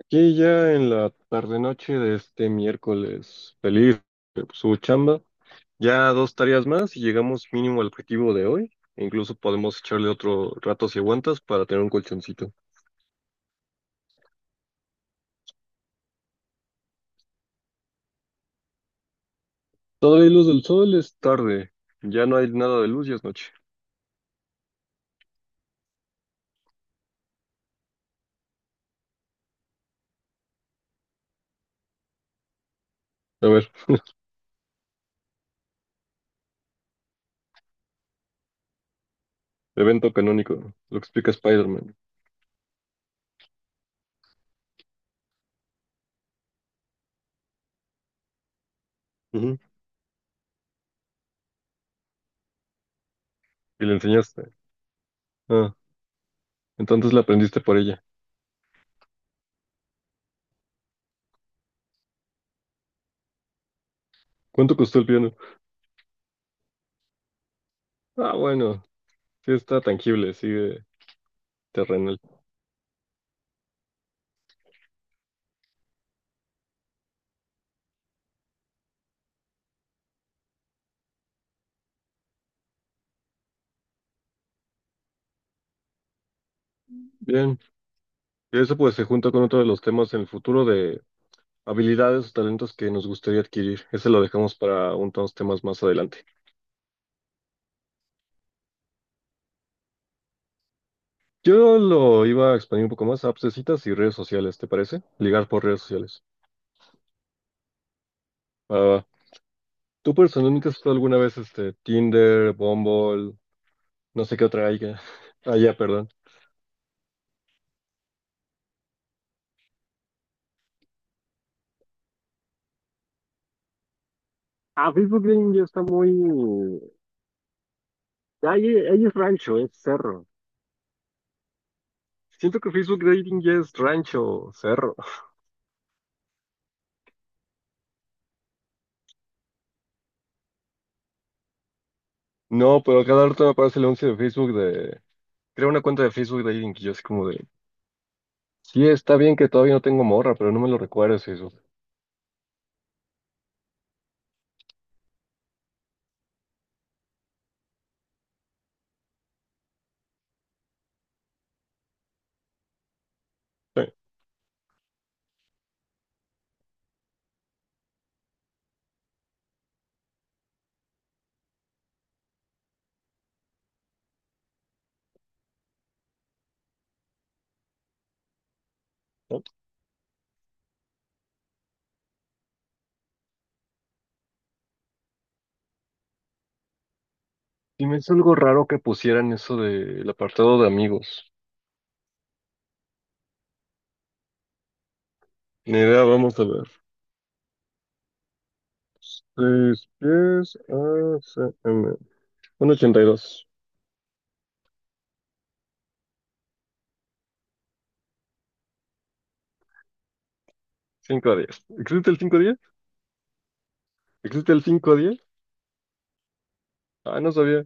Aquí ya en la tarde-noche de este miércoles, feliz de su chamba. Ya dos tareas más y llegamos mínimo al objetivo de hoy. E incluso podemos echarle otro rato si aguantas para tener un colchoncito. Todavía hay luz del sol, es tarde. Ya no hay nada de luz y es noche. A ver, evento canónico, lo que explica Spider-Man. Ujú. Y le enseñaste. Ah, entonces la aprendiste por ella. ¿Cuánto costó el piano? Ah, bueno, sí está tangible, sigue terrenal. Bien. Y eso pues se junta con otro de los temas en el futuro de habilidades o talentos que nos gustaría adquirir. Ese lo dejamos para unos temas más adelante. Yo lo iba a expandir un poco más a apps de citas y redes sociales, ¿te parece? Ligar por redes sociales. Va, va, va. ¿Tú personalmente has usado alguna vez este Tinder, Bumble, no sé qué otra haya? Allá, perdón. Ah, Facebook Dating ya está muy. Ahí es rancho, es cerro. Siento que Facebook Dating ya es rancho, cerro. No, pero cada rato me aparece el anuncio de Facebook. De Creo una cuenta de Facebook de alguien que yo así como de, sí, está bien que todavía no tengo morra, pero no me lo recuerdes eso. Sí, ¿no? Y me hizo algo raro que pusieran eso del apartado de amigos. Ni idea, vamos a ver. 6 pies a cm, 1.82. 5'10". ¿Existe el 5 a diez? Ah, no sabía.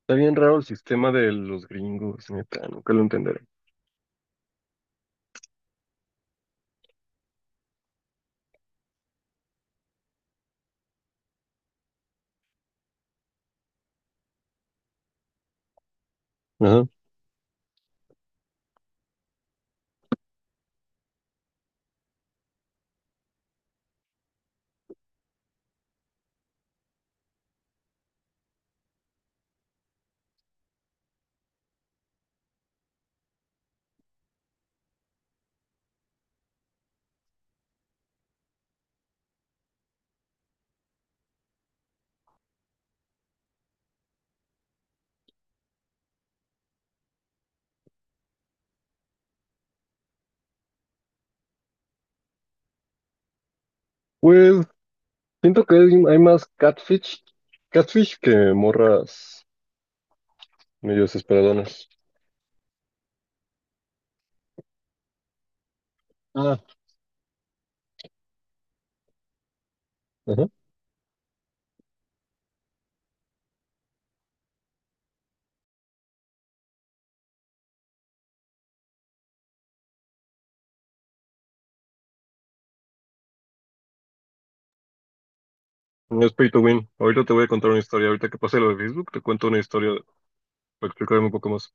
Está bien raro el sistema de los gringos, neta, nunca lo entenderé. Ajá. Pues siento que hay más catfish, catfish que morras medio desesperadonas. Ah, ajá. No es pay to win. Ahorita te voy a contar una historia. Ahorita que pase lo de Facebook, te cuento una historia para explicarme un poco más.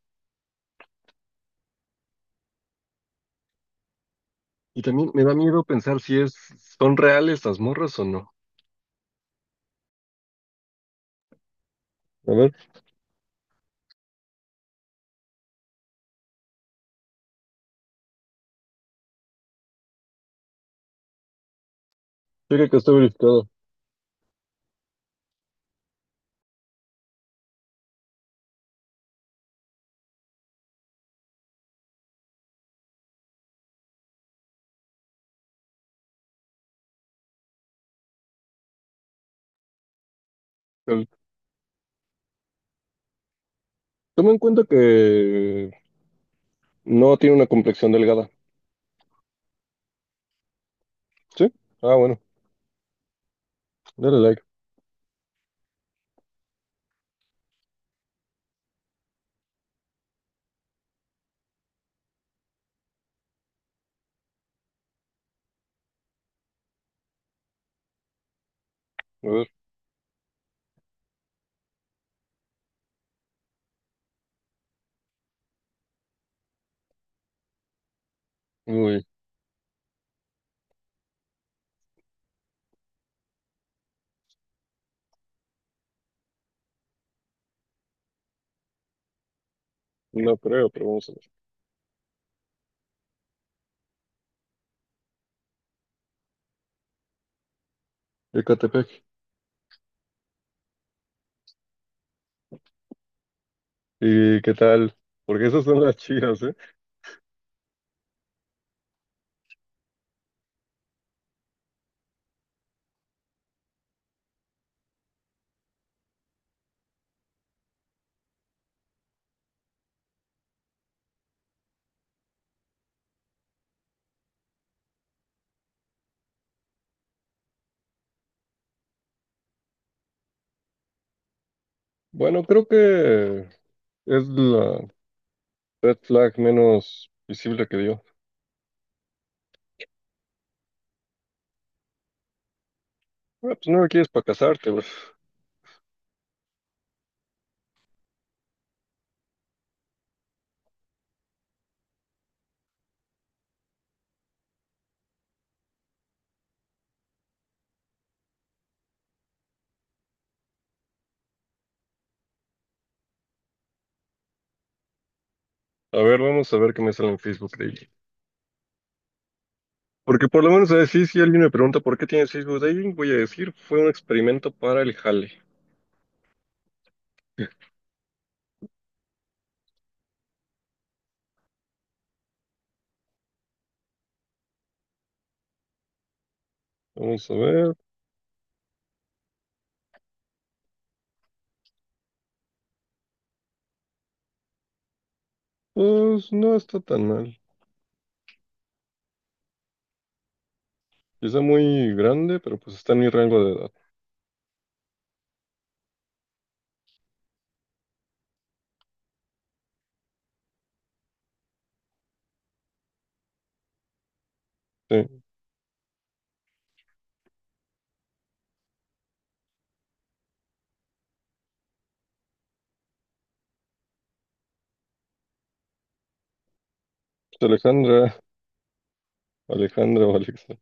Y también me da miedo pensar si son reales las morras o no. A ver, fíjate que está verificado. El- Toma en cuenta que no tiene una complexión delgada. ¿Sí? Ah, bueno. Dale like. A ver. Uy, no creo, pero vamos a ver. Ecatepec. ¿Y qué tal? Porque esas son las chidas, ¿eh? Bueno, creo que es la red flag menos visible que dio. Ah, pues no me quieres para casarte, güey. A ver, vamos a ver qué me sale en Facebook Dating. Porque por lo menos a decir, si alguien me pregunta por qué tienes Facebook Dating, voy a decir, fue un experimento para el jale. Vamos a ver, pues no está tan mal. Quizá muy grande, pero pues está en mi rango de edad. Sí, pues Alejandra, Alejandra o Alexa.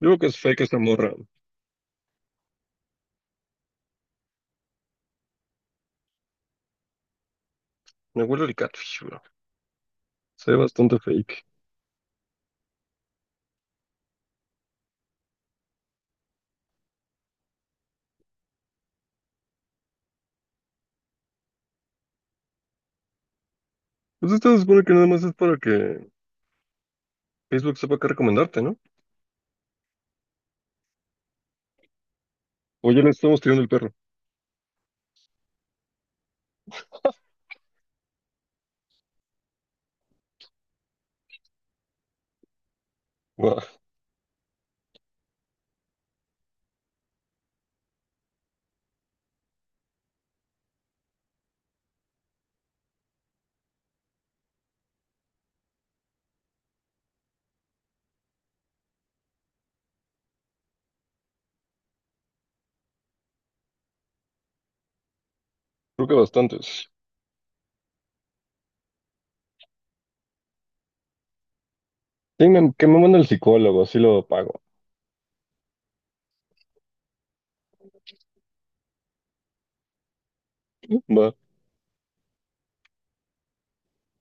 Yo creo que es fake esta morra. Me huele el catfish, bro. Se ve bastante fake. Pues esto se supone que nada más es para que Facebook sepa qué recomendarte, ¿no? O ya le estamos tirando el perro. Buah, creo que bastante. Sí, que me manda el psicólogo, sí lo pago. Va.